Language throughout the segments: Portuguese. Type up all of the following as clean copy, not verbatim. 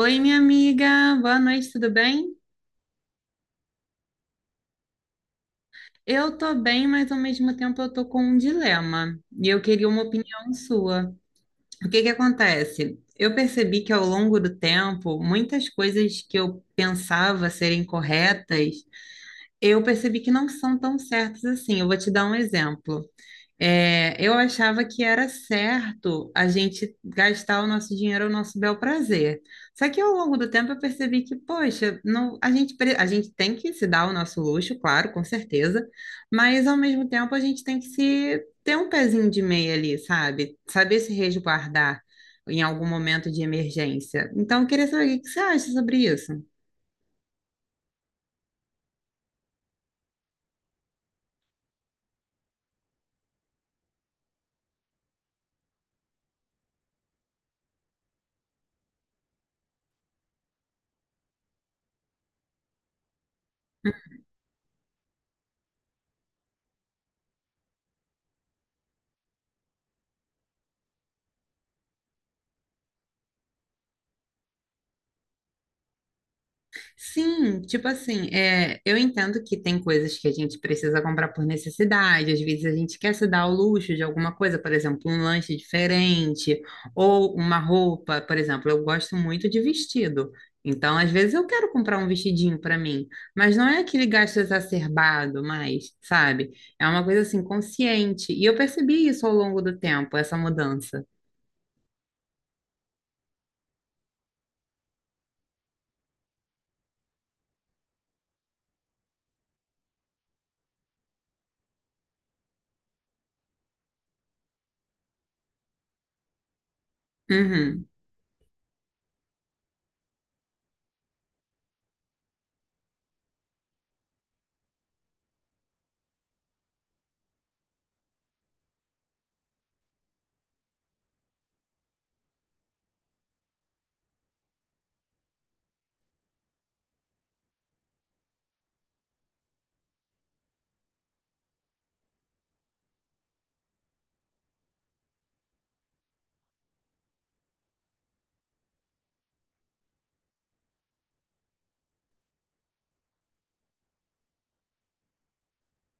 Oi, minha amiga, boa noite, tudo bem? Eu tô bem, mas ao mesmo tempo eu tô com um dilema e eu queria uma opinião sua. O que que acontece? Eu percebi que ao longo do tempo, muitas coisas que eu pensava serem corretas, eu percebi que não são tão certas assim. Eu vou te dar um exemplo. É, eu achava que era certo a gente gastar o nosso dinheiro ao nosso bel prazer. Só que ao longo do tempo eu percebi que, poxa, não, a gente tem que se dar o nosso luxo, claro, com certeza, mas ao mesmo tempo a gente tem que se ter um pezinho de meia ali, sabe? Saber se resguardar em algum momento de emergência. Então, eu queria saber o que que você acha sobre isso. Sim, tipo assim, é, eu entendo que tem coisas que a gente precisa comprar por necessidade, às vezes a gente quer se dar ao luxo de alguma coisa, por exemplo, um lanche diferente ou uma roupa, por exemplo, eu gosto muito de vestido. Então, às vezes eu quero comprar um vestidinho para mim, mas não é aquele gasto exacerbado mais, sabe? É uma coisa assim consciente. E eu percebi isso ao longo do tempo, essa mudança. Uhum.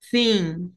Sim.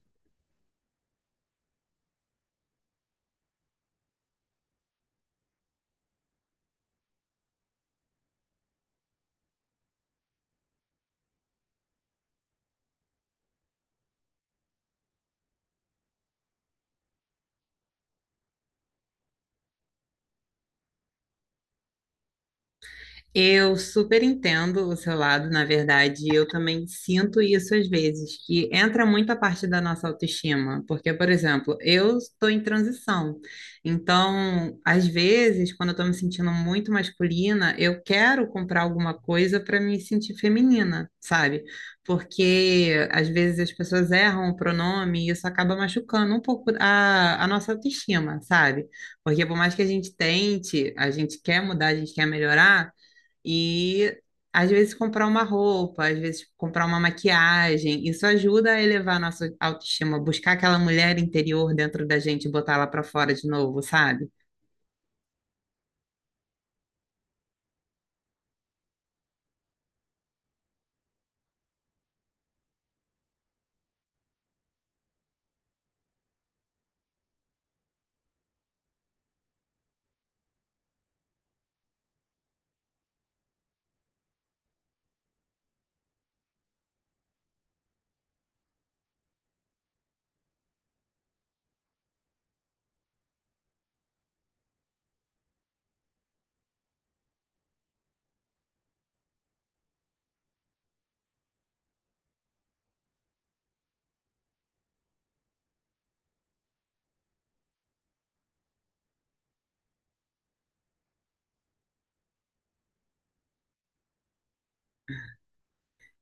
Eu super entendo o seu lado, na verdade, eu também sinto isso às vezes, que entra muito a parte da nossa autoestima, porque, por exemplo, eu estou em transição, então, às vezes, quando eu estou me sentindo muito masculina, eu quero comprar alguma coisa para me sentir feminina, sabe? Porque às vezes as pessoas erram o pronome e isso acaba machucando um pouco a nossa autoestima, sabe? Porque por mais que a gente tente, a gente quer mudar, a gente quer melhorar. E às vezes comprar uma roupa, às vezes comprar uma maquiagem, isso ajuda a elevar a nossa autoestima, buscar aquela mulher interior dentro da gente e botar ela para fora de novo, sabe?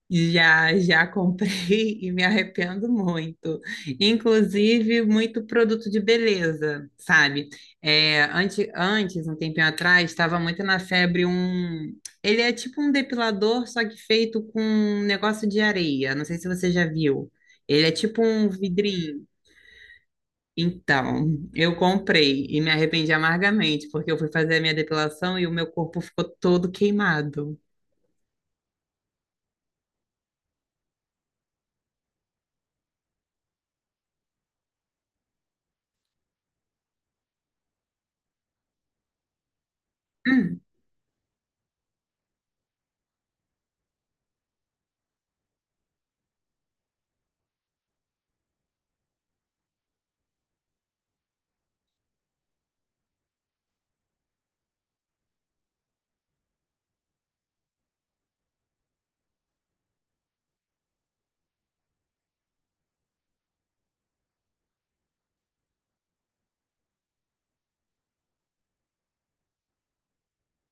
Já, já comprei e me arrependo muito. Inclusive, muito produto de beleza, sabe? É, antes, um tempinho atrás, estava muito na febre um. Ele é tipo um depilador, só que feito com um negócio de areia. Não sei se você já viu. Ele é tipo um vidrinho. Então, eu comprei e me arrependi amargamente, porque eu fui fazer a minha depilação e o meu corpo ficou todo queimado.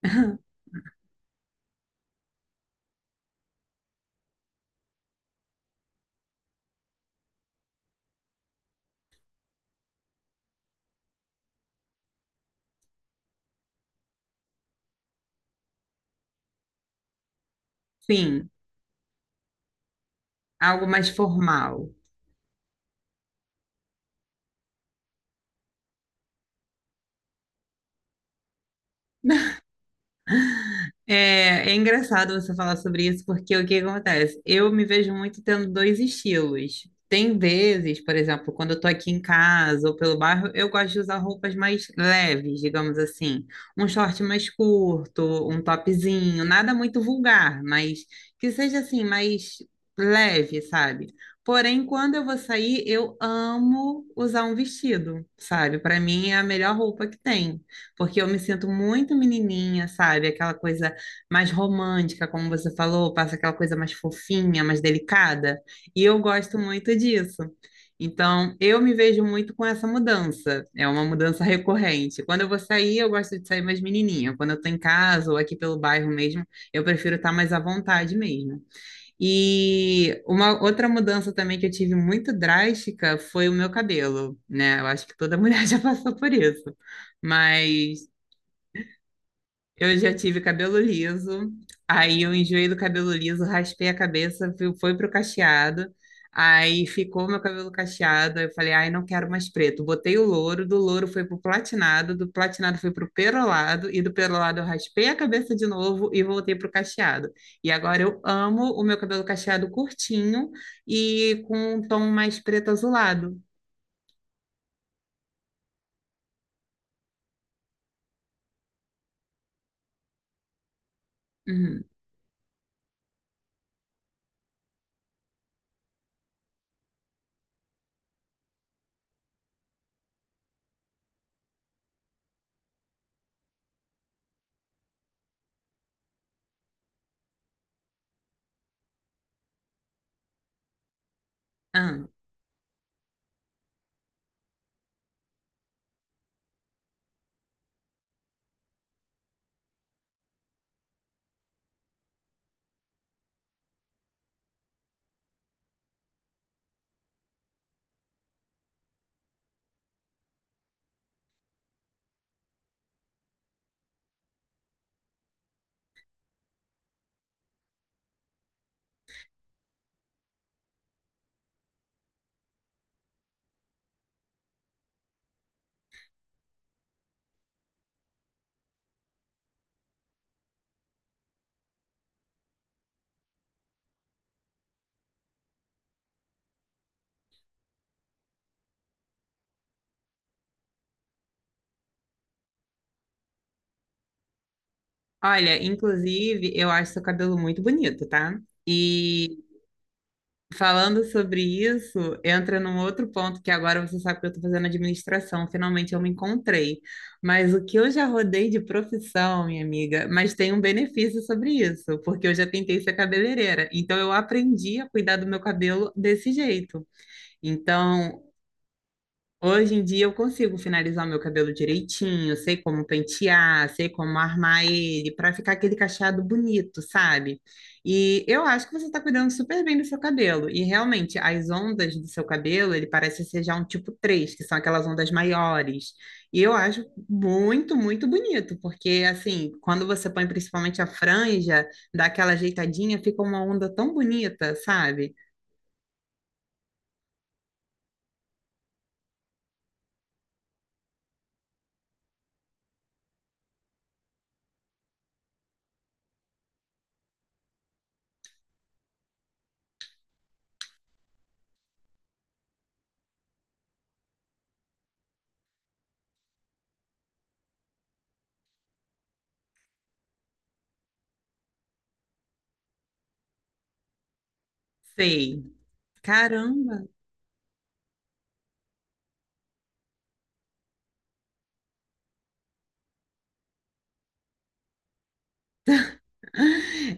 Hum. Sim, algo mais formal. É, é engraçado você falar sobre isso, porque o que acontece? Eu me vejo muito tendo dois estilos. Tem vezes, por exemplo, quando eu tô aqui em casa ou pelo bairro, eu gosto de usar roupas mais leves, digamos assim. Um short mais curto, um topzinho, nada muito vulgar, mas que seja assim, mais leve, sabe? Porém, quando eu vou sair, eu amo usar um vestido, sabe? Para mim é a melhor roupa que tem, porque eu me sinto muito menininha, sabe? Aquela coisa mais romântica, como você falou, passa aquela coisa mais fofinha, mais delicada, e eu gosto muito disso. Então, eu me vejo muito com essa mudança. É uma mudança recorrente. Quando eu vou sair, eu gosto de sair mais menininha. Quando eu tô em casa ou aqui pelo bairro mesmo, eu prefiro estar mais à vontade mesmo. E uma outra mudança também que eu tive muito drástica foi o meu cabelo, né? Eu acho que toda mulher já passou por isso. Mas eu já tive cabelo liso, aí eu enjoei do cabelo liso, raspei a cabeça, foi pro cacheado, aí ficou meu cabelo cacheado, aí eu falei, ai, não quero mais preto. Botei o louro, do louro foi pro platinado, do platinado foi pro perolado, e do perolado eu raspei a cabeça de novo e voltei pro cacheado. E agora eu amo o meu cabelo cacheado curtinho e com um tom mais preto azulado. Uhum. Ah. Olha, inclusive, eu acho seu cabelo muito bonito, tá? E falando sobre isso, entra num outro ponto que agora você sabe que eu estou fazendo administração, finalmente eu me encontrei. Mas o que eu já rodei de profissão, minha amiga, mas tem um benefício sobre isso, porque eu já tentei ser cabeleireira, então eu aprendi a cuidar do meu cabelo desse jeito. Então, hoje em dia eu consigo finalizar o meu cabelo direitinho, sei como pentear, sei como armar ele para ficar aquele cacheado bonito, sabe? E eu acho que você está cuidando super bem do seu cabelo. E realmente, as ondas do seu cabelo, ele parece ser já um tipo 3, que são aquelas ondas maiores. E eu acho muito, muito bonito, porque assim, quando você põe principalmente a franja, dá aquela ajeitadinha, fica uma onda tão bonita, sabe? Sei. Caramba!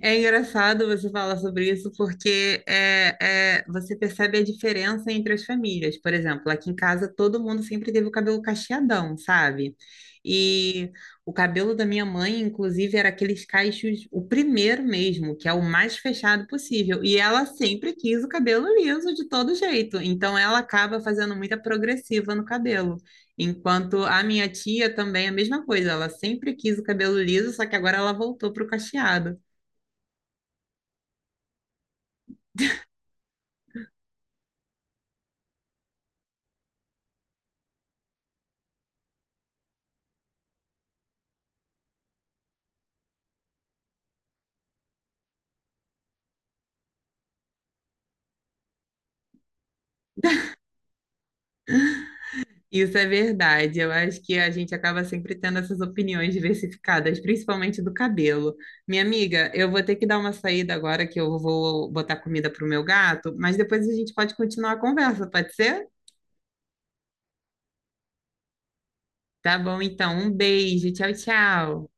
É engraçado você falar sobre isso porque você percebe a diferença entre as famílias. Por exemplo, aqui em casa todo mundo sempre teve o cabelo cacheadão, sabe? E o cabelo da minha mãe, inclusive, era aqueles cachos, o primeiro mesmo, que é o mais fechado possível. E ela sempre quis o cabelo liso de todo jeito. Então ela acaba fazendo muita progressiva no cabelo. Enquanto a minha tia também é a mesma coisa, ela sempre quis o cabelo liso, só que agora ela voltou para o cacheado. Isso é verdade. Eu acho que a gente acaba sempre tendo essas opiniões diversificadas, principalmente do cabelo. Minha amiga, eu vou ter que dar uma saída agora que eu vou botar comida pro meu gato, mas depois a gente pode continuar a conversa, pode ser? Tá bom, então. Um beijo. Tchau, tchau.